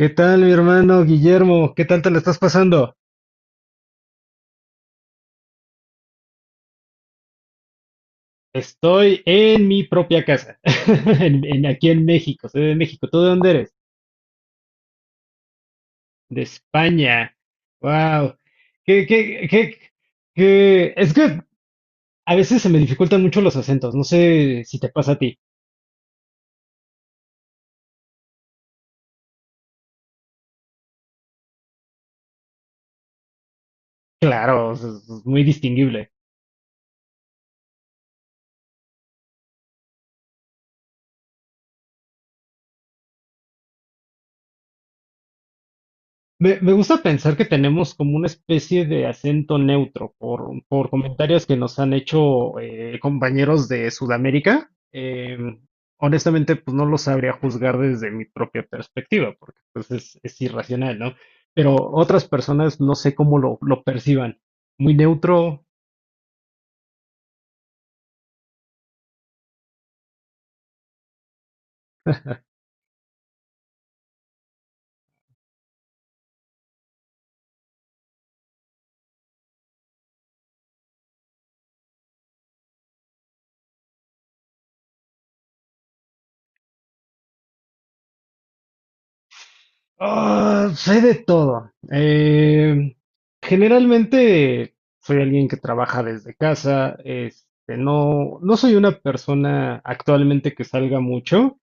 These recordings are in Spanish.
¿Qué tal, mi hermano Guillermo? ¿Qué tal te la estás pasando? Estoy en mi propia casa, aquí en México, soy de México. ¿Tú de dónde eres? De España. Wow. ¿Qué, qué, qué, qué? Es que a veces se me dificultan mucho los acentos. No sé si te pasa a ti. Claro, es muy distinguible. Me gusta pensar que tenemos como una especie de acento neutro por comentarios que nos han hecho compañeros de Sudamérica. Honestamente, pues no lo sabría juzgar desde mi propia perspectiva, porque pues es irracional, ¿no? Pero otras personas no sé cómo lo perciban. Muy neutro. Ah, sé de todo. Generalmente soy alguien que trabaja desde casa. Este, no, no soy una persona actualmente que salga mucho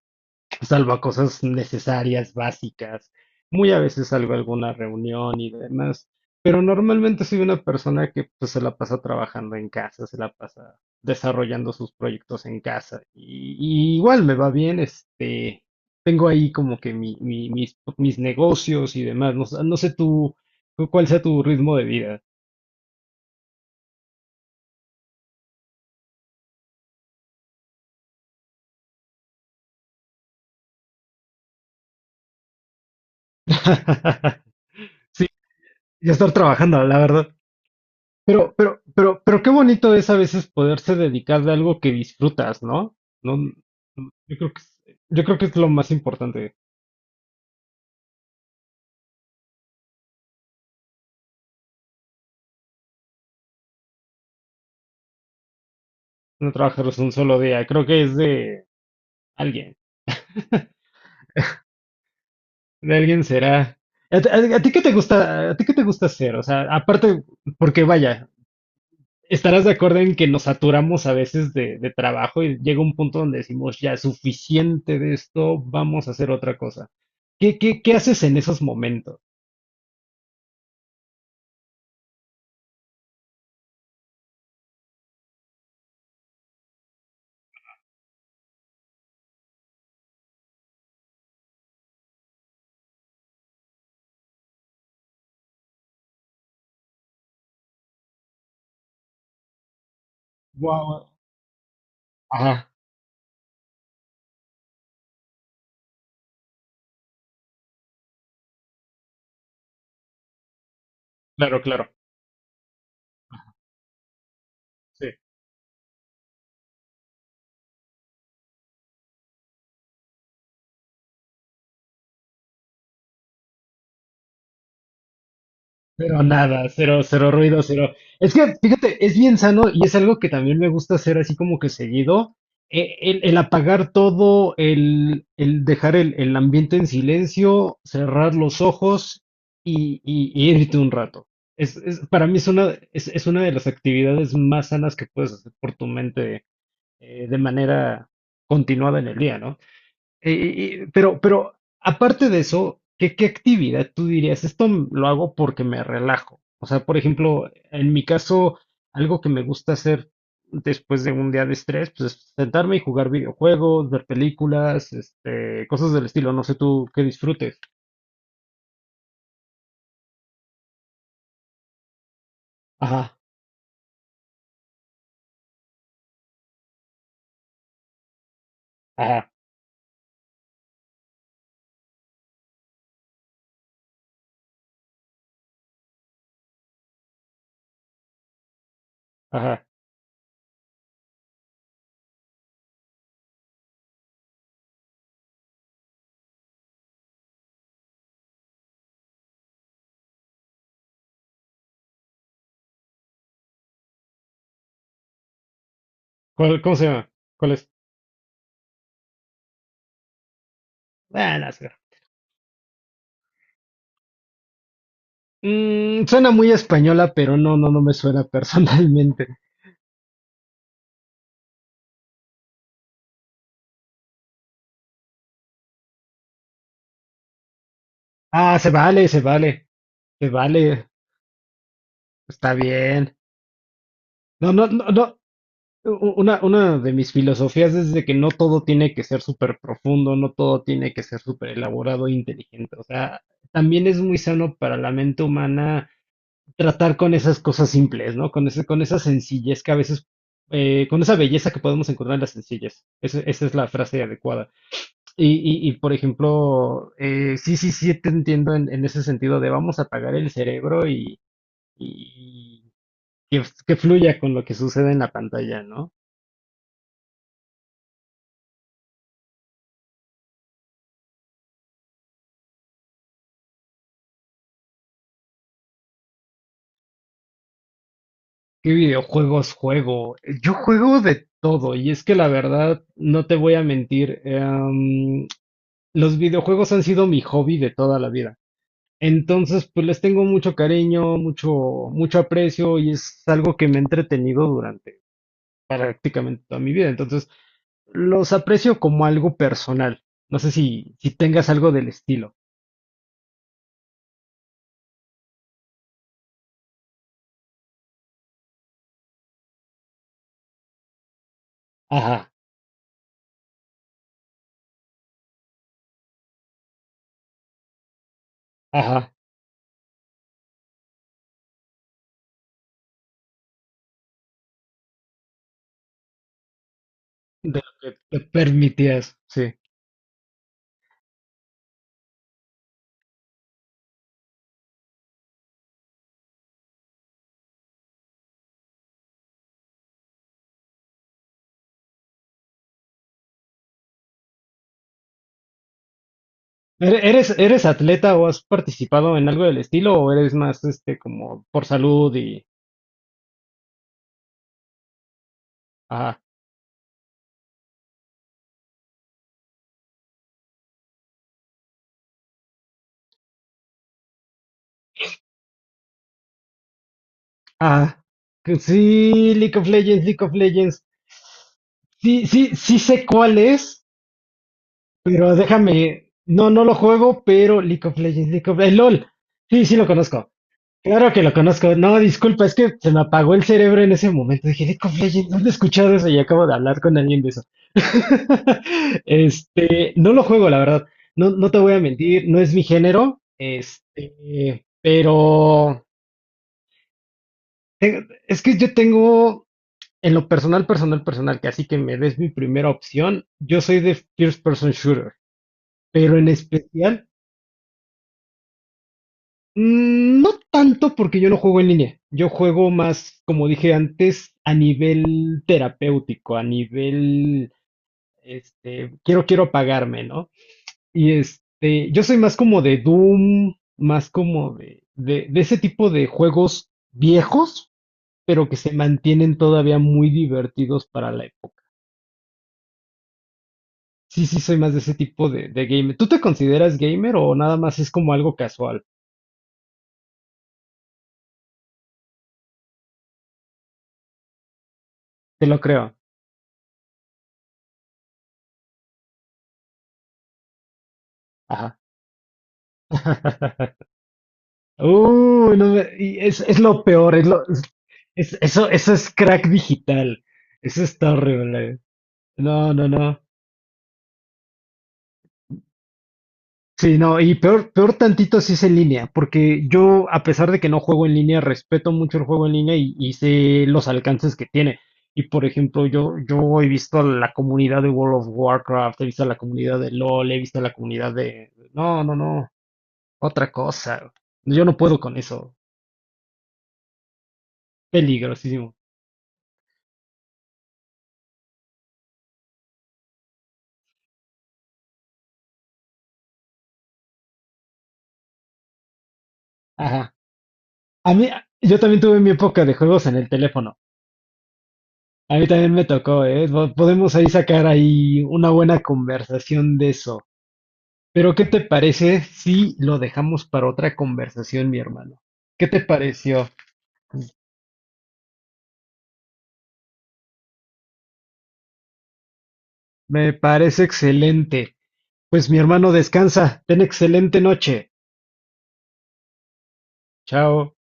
salvo cosas necesarias, básicas, muy a veces salgo a alguna reunión y demás, pero normalmente soy una persona que pues, se la pasa trabajando en casa, se la pasa desarrollando sus proyectos en casa y igual me va bien, este, tengo ahí como que mis negocios y demás, no, sé- no sé tú, tú cuál sea tu ritmo de vida. Sí, ya estar trabajando, la verdad. Pero qué bonito es a veces poderse dedicar de algo que disfrutas, ¿no? No, no, yo creo que es, yo creo que es lo más importante, no trabajar un solo día, creo que es alguien, de alguien será. A ti qué te gusta, a ti qué te gusta hacer? O sea, aparte, porque vaya, estarás de acuerdo en que nos saturamos a veces de trabajo y llega un punto donde decimos, ya, suficiente de esto, vamos a hacer otra cosa. ¿Qué haces en esos momentos? Wow. Ajá, claro, claro. Sí. Pero nada, cero, cero ruido, cero. Es que, fíjate, es bien sano y es algo que también me gusta hacer así como que seguido. El, el apagar todo, el dejar el ambiente en silencio, cerrar los ojos y, y irte un rato. Es, para mí es una de las actividades más sanas que puedes hacer por tu mente de manera continuada en el día, ¿no? Pero aparte de eso, ¿qué actividad tú dirías? Esto lo hago porque me relajo. O sea, por ejemplo, en mi caso, algo que me gusta hacer después de un día de estrés, pues es sentarme y jugar videojuegos, ver películas, este, cosas del estilo. No sé tú qué disfrutes. Ajá, ajá, ajá. ¿Cuál, cómo se llama? ¿Cuál es? Ah, no sé. Mm, suena muy española, pero no, no, no me suena personalmente. Ah, se vale, se vale, se vale. Está bien. No, no, no, no. Una de mis filosofías es de que no todo tiene que ser súper profundo, no todo tiene que ser súper elaborado e inteligente. O sea, también es muy sano para la mente humana tratar con esas cosas simples, ¿no? Con ese, con esa sencillez que a veces, con esa belleza que podemos encontrar en las sencillez. Esa es la frase adecuada. Y, y, por ejemplo, sí, sí, sí, te entiendo en ese sentido de vamos a apagar el cerebro y, y que fluya con lo que sucede en la pantalla, ¿no? ¿Qué videojuegos juego? Yo juego de todo y es que la verdad, no te voy a mentir, los videojuegos han sido mi hobby de toda la vida. Entonces, pues les tengo mucho cariño, mucho, mucho aprecio y es algo que me ha entretenido durante prácticamente toda mi vida. Entonces, los aprecio como algo personal. No sé si, si tengas algo del estilo. Ajá, ajá, de lo que te permitías, sí. ¿Eres, eres atleta o has participado en algo del estilo o eres más este como por salud y ah, ah, que sí, League of Legends, League of Legends. Sí, sí, sí sé cuál es, pero déjame, no, no lo juego, pero League of Legends, League of el LOL. Sí, sí lo conozco. Claro que lo conozco. No, disculpa, es que se me apagó el cerebro en ese momento. Dije, League of Legends, ¿dónde he escuchado eso? Y acabo de hablar con alguien de eso. Este, no lo juego, la verdad. No, no te voy a mentir, no es mi género. Este, pero es que yo tengo en lo personal, personal, personal, que así que me des mi primera opción. Yo soy de first person shooter, pero en especial. Mm, no tanto porque yo no juego en línea. Yo juego más, como dije antes, a nivel terapéutico, a nivel, este, quiero, quiero apagarme, ¿no? Y este, yo soy más como de Doom, más como de ese tipo de juegos viejos, pero que se mantienen todavía muy divertidos para la época. Sí, sí, soy más de ese tipo de gamer. ¿Tú te consideras gamer o nada más es como algo casual? Te lo creo. Ajá. Uy, no me- y es lo peor, es lo, eso, eso es crack digital. Eso está horrible. No, no, no. Sí, no, y peor, peor tantito si es en línea, porque yo, a pesar de que no juego en línea, respeto mucho el juego en línea y sé los alcances que tiene. Y por ejemplo, yo he visto a la comunidad de World of Warcraft, he visto a la comunidad de LOL, he visto a la comunidad de... No, no, no, otra cosa. Yo no puedo con eso. Peligrosísimo. Ajá. A mí, yo también tuve mi época de juegos en el teléfono. A mí también me tocó, ¿eh? Podemos ahí sacar ahí una buena conversación de eso. Pero ¿qué te parece si lo dejamos para otra conversación, mi hermano? ¿Qué te pareció? Me parece excelente. Pues mi hermano, descansa. Ten excelente noche. Chao.